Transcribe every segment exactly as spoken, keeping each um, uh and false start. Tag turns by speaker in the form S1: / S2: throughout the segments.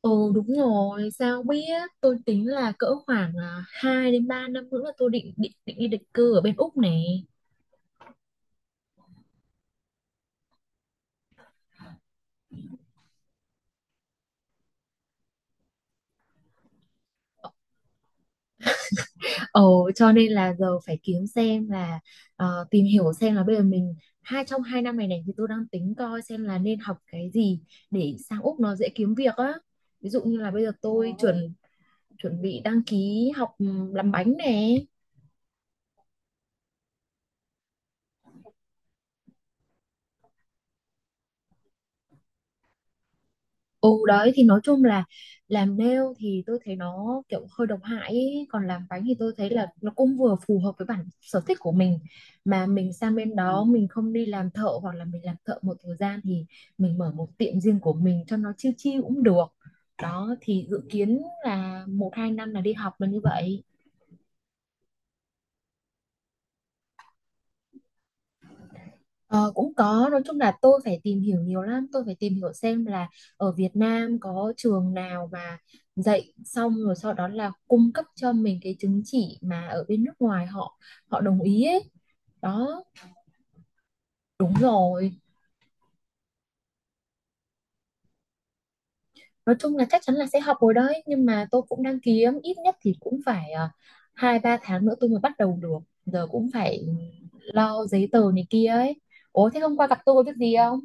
S1: Ừ đúng rồi, sao biết tôi tính là cỡ khoảng à, hai đến ba năm nữa là tôi định định định đi định cư ở bên Úc này. Ờ, cho nên là giờ phải kiếm xem là ờ, tìm hiểu xem là bây giờ mình hai trong hai năm này này thì tôi đang tính coi xem là nên học cái gì để sang Úc nó dễ kiếm việc á. Ví dụ như là bây giờ tôi chuẩn chuẩn bị đăng ký học ừ, làm bánh nè. Ừ, đấy thì nói chung là làm nail thì tôi thấy nó kiểu hơi độc hại ý. Còn làm bánh thì tôi thấy là nó cũng vừa phù hợp với bản sở thích của mình, mà mình sang bên đó mình không đi làm thợ hoặc là mình làm thợ một thời gian thì mình mở một tiệm riêng của mình cho nó chill chill cũng được. Đó thì dự kiến là một hai năm là đi học là như vậy. Ờ, cũng có, nói chung là tôi phải tìm hiểu nhiều lắm, tôi phải tìm hiểu xem là ở Việt Nam có trường nào mà dạy xong rồi sau đó là cung cấp cho mình cái chứng chỉ mà ở bên nước ngoài họ họ đồng ý ấy đó. Đúng rồi, nói chung là chắc chắn là sẽ học rồi đấy, nhưng mà tôi cũng đang kiếm, ít nhất thì cũng phải ờ, hai ba tháng nữa tôi mới bắt đầu được, giờ cũng phải lo giấy tờ này kia ấy. Ủa thế hôm qua gặp tôi có việc gì không,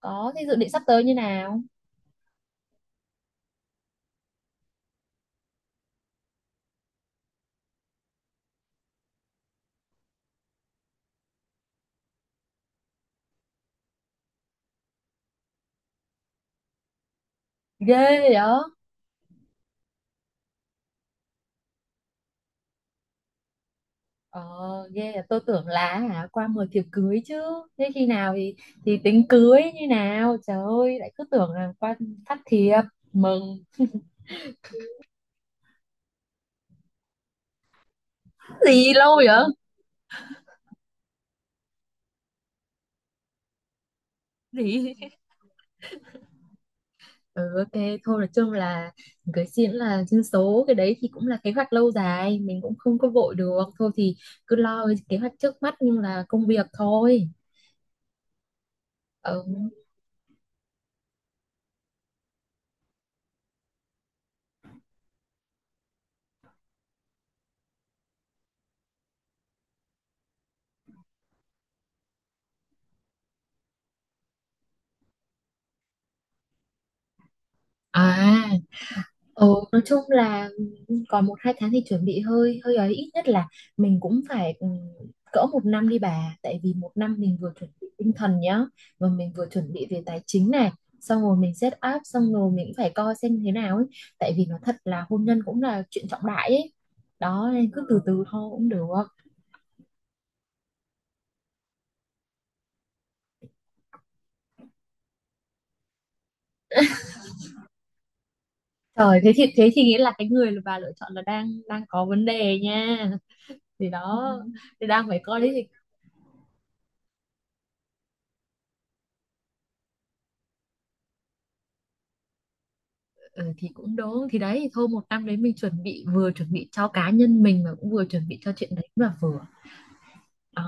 S1: có thế dự định sắp tới như nào, ghê vậy. Ờ, ghê à. Tôi tưởng là hả qua mười thiệp cưới chứ. Thế khi nào thì thì tính cưới như nào? Trời ơi, lại cứ tưởng là qua phát thiệp mừng. Gì lâu vậy, gì. Ừ, ok, thôi nói chung là cưới xin là dân số cái đấy thì cũng là kế hoạch lâu dài, mình cũng không có vội được. Thôi thì cứ lo cái kế hoạch trước mắt nhưng là công việc thôi. Ừ. À, ừ, nói chung là còn một hai tháng thì chuẩn bị hơi hơi ấy, ít nhất là mình cũng phải ừ, cỡ một năm đi bà, tại vì một năm mình vừa chuẩn bị tinh thần nhá, và mình vừa chuẩn bị về tài chính này, xong rồi mình set up xong rồi mình cũng phải coi xem thế nào ấy, tại vì nó thật là hôn nhân cũng là chuyện trọng đại ấy đó, nên cứ từ từ thôi cũng được. Trời, thế thì thế thì nghĩa là cái người mà bà lựa chọn là đang đang có vấn đề nha, thì ừ. Đó thì đang phải coi đấy. Ừ, thì cũng đúng, thì đấy thôi một năm đấy mình chuẩn bị, vừa chuẩn bị cho cá nhân mình mà cũng vừa chuẩn bị cho chuyện đấy cũng là vừa. Ờ,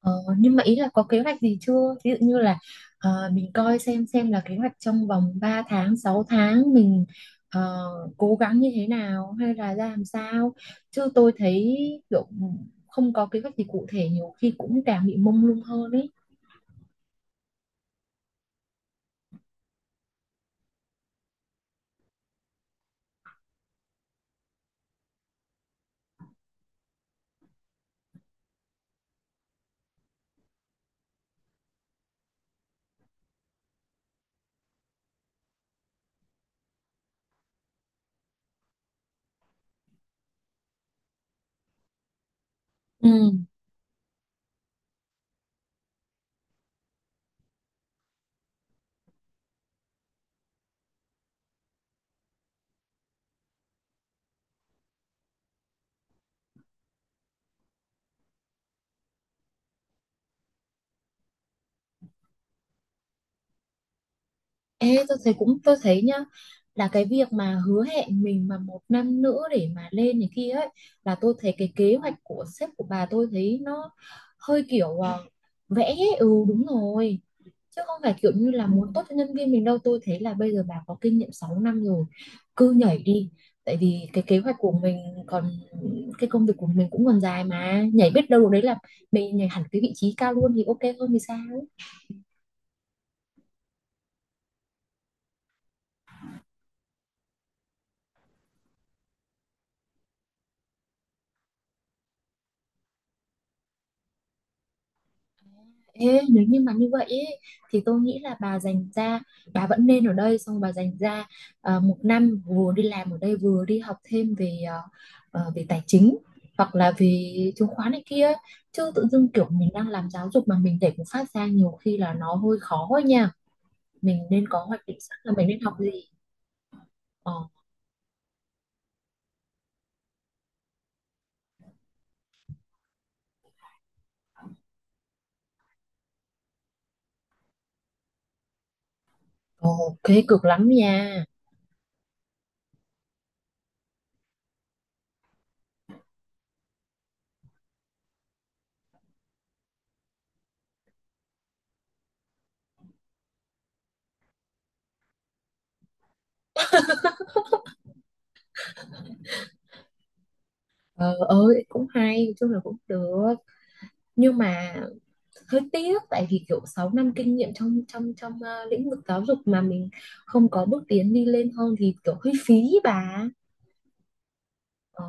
S1: ờ, nhưng mà ý là có kế hoạch gì chưa? Ví dụ như là ờ, mình coi xem xem là kế hoạch trong vòng ba tháng, sáu tháng mình ờ, cố gắng như thế nào hay là ra làm sao. Chứ tôi thấy kiểu không có kế hoạch gì cụ thể nhiều khi cũng càng bị mông lung hơn ấy. Ừ. Ê, tôi thấy, cũng tôi thấy nhá, là cái việc mà hứa hẹn mình mà một năm nữa để mà lên này kia ấy, là tôi thấy cái kế hoạch của sếp của bà tôi thấy nó hơi kiểu à, vẽ ấy. Ừ, đúng rồi, chứ không phải kiểu như là muốn tốt cho nhân viên mình đâu. Tôi thấy là bây giờ bà có kinh nghiệm sáu năm rồi, cứ nhảy đi, tại vì cái kế hoạch của mình còn, cái công việc của mình cũng còn dài, mà nhảy biết đâu đấy là mình nhảy hẳn cái vị trí cao luôn thì ok hơn thì sao. Ê, nếu như mà như vậy ý, thì tôi nghĩ là bà dành ra, bà vẫn nên ở đây xong bà dành ra ờ, một năm vừa đi làm ở đây vừa đi học thêm về ờ, ờ, về tài chính hoặc là về chứng khoán này kia, chứ tự dưng kiểu mình đang làm giáo dục mà mình để một phát ra nhiều khi là nó hơi khó ấy nha. Mình nên có hoạch định sẵn là mình nên học gì. Ờ, ok, cực lắm nha. Ờ ơi, cũng hay, nói chung là cũng được, nhưng mà hơi tiếc tại vì kiểu sáu năm kinh nghiệm trong trong trong ờ, lĩnh vực giáo dục mà mình không có bước tiến đi lên hơn thì kiểu hơi phí ý bà. Ờ.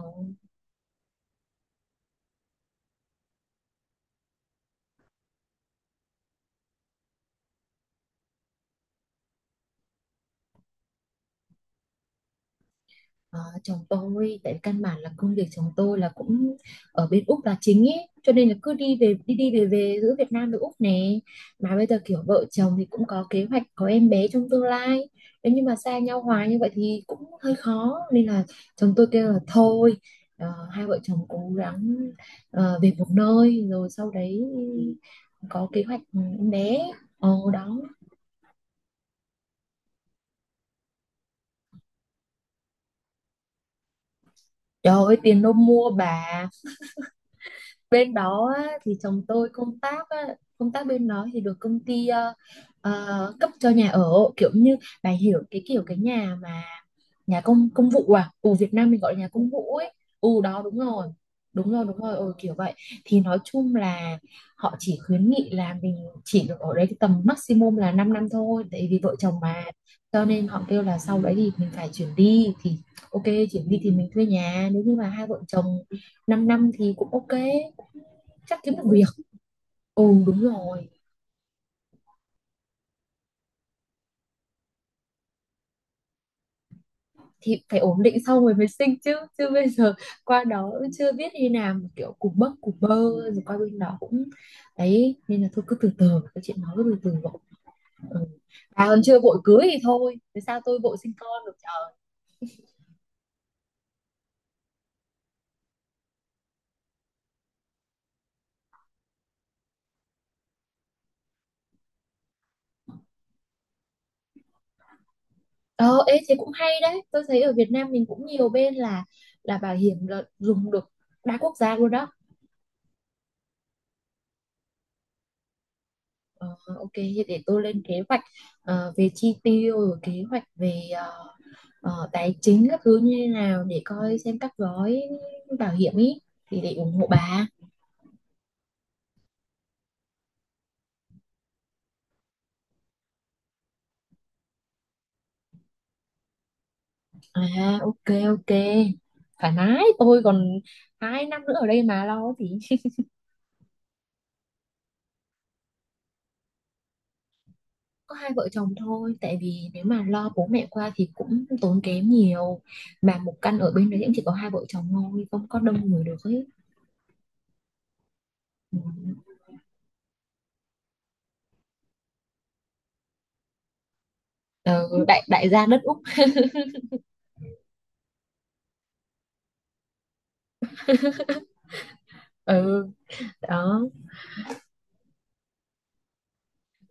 S1: Ờ, chồng tôi, tại căn bản là công việc chồng tôi là cũng ở bên Úc là chính ấy, cho nên là cứ đi về, đi đi về về giữa Việt Nam với Úc nè, mà bây giờ kiểu vợ chồng thì cũng có kế hoạch có em bé trong tương lai, nếu như mà xa nhau hoài như vậy thì cũng hơi khó, nên là chồng tôi kêu là thôi ờ, hai vợ chồng cố gắng ờ, về một nơi rồi sau đấy có kế hoạch em bé. Ồ đó. Trời ơi tiền đâu mua bà. Bên đó á, thì chồng tôi công tác á, công tác bên đó thì được công ty ờ, ờ, cấp cho nhà ở, kiểu như bà hiểu cái kiểu cái nhà mà nhà công công vụ à, ừ Việt Nam mình gọi là nhà công vụ ấy. Ừ đó đúng rồi. Đúng rồi đúng rồi ừ, kiểu vậy. Thì nói chung là họ chỉ khuyến nghị là mình chỉ được ở đây cái tầm maximum là 5 năm thôi tại vì vợ chồng mà, cho nên họ kêu là sau đấy thì mình phải chuyển đi thì ok. Chuyển đi thì mình thuê nhà nếu như mà hai vợ chồng 5 năm năm thì cũng ok, chắc kiếm được việc. Ừ đúng rồi. Thì phải ổn định xong rồi mới sinh chứ, chứ bây giờ qua đó cũng chưa biết như nào mà kiểu cục bấc cục bơ, rồi qua bên đó cũng, đấy nên là thôi cứ từ từ cái chuyện, nói cứ từ từ vậy. Ừ. Bà còn chưa vội cưới thì thôi thế sao tôi vội sinh con được trời. Ờ ê thế cũng hay đấy, tôi thấy ở Việt Nam mình cũng nhiều bên là là bảo hiểm là dùng được đa quốc gia luôn đó. Ờ, ok thì để tôi lên kế hoạch ờ, về chi tiêu rồi kế hoạch về ờ, ờ, tài chính các thứ như thế nào để coi xem các gói bảo hiểm ý, thì để ủng hộ bà. À ok ok, thoải mái, tôi còn hai năm nữa ở đây mà lo thì. Có hai vợ chồng thôi tại vì nếu mà lo bố mẹ qua thì cũng tốn kém nhiều, mà một căn ở bên đấy cũng chỉ có hai vợ chồng thôi không có đông người được ấy. Ừ. Ờ, đại đại gia đất Úc. Ừ đó.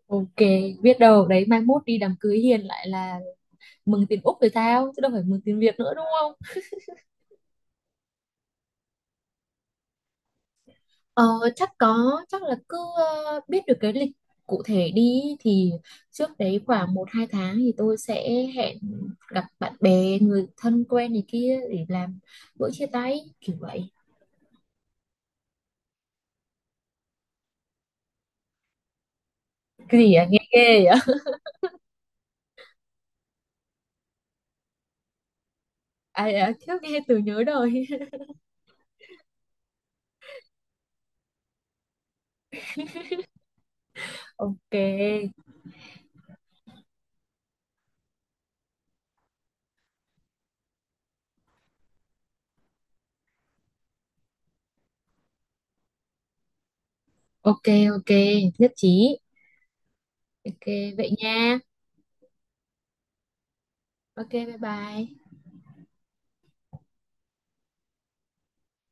S1: Ok, biết đâu đấy mai mốt đi đám cưới hiền lại là mừng tiền Úc rồi sao chứ đâu phải mừng tiền Việt nữa đúng không. Ờ, chắc có, chắc là cứ ờ, biết được cái lịch cụ thể đi thì trước đấy khoảng một hai tháng thì tôi sẽ hẹn gặp bạn bè người thân quen này kia để làm bữa chia tay kiểu vậy. Cái gì à, nghe ghê vậy. À, à thiếu nghe từ nhớ đời. Ok ok. Ok, nhất trí. Ok vậy nha. Ok bye bye.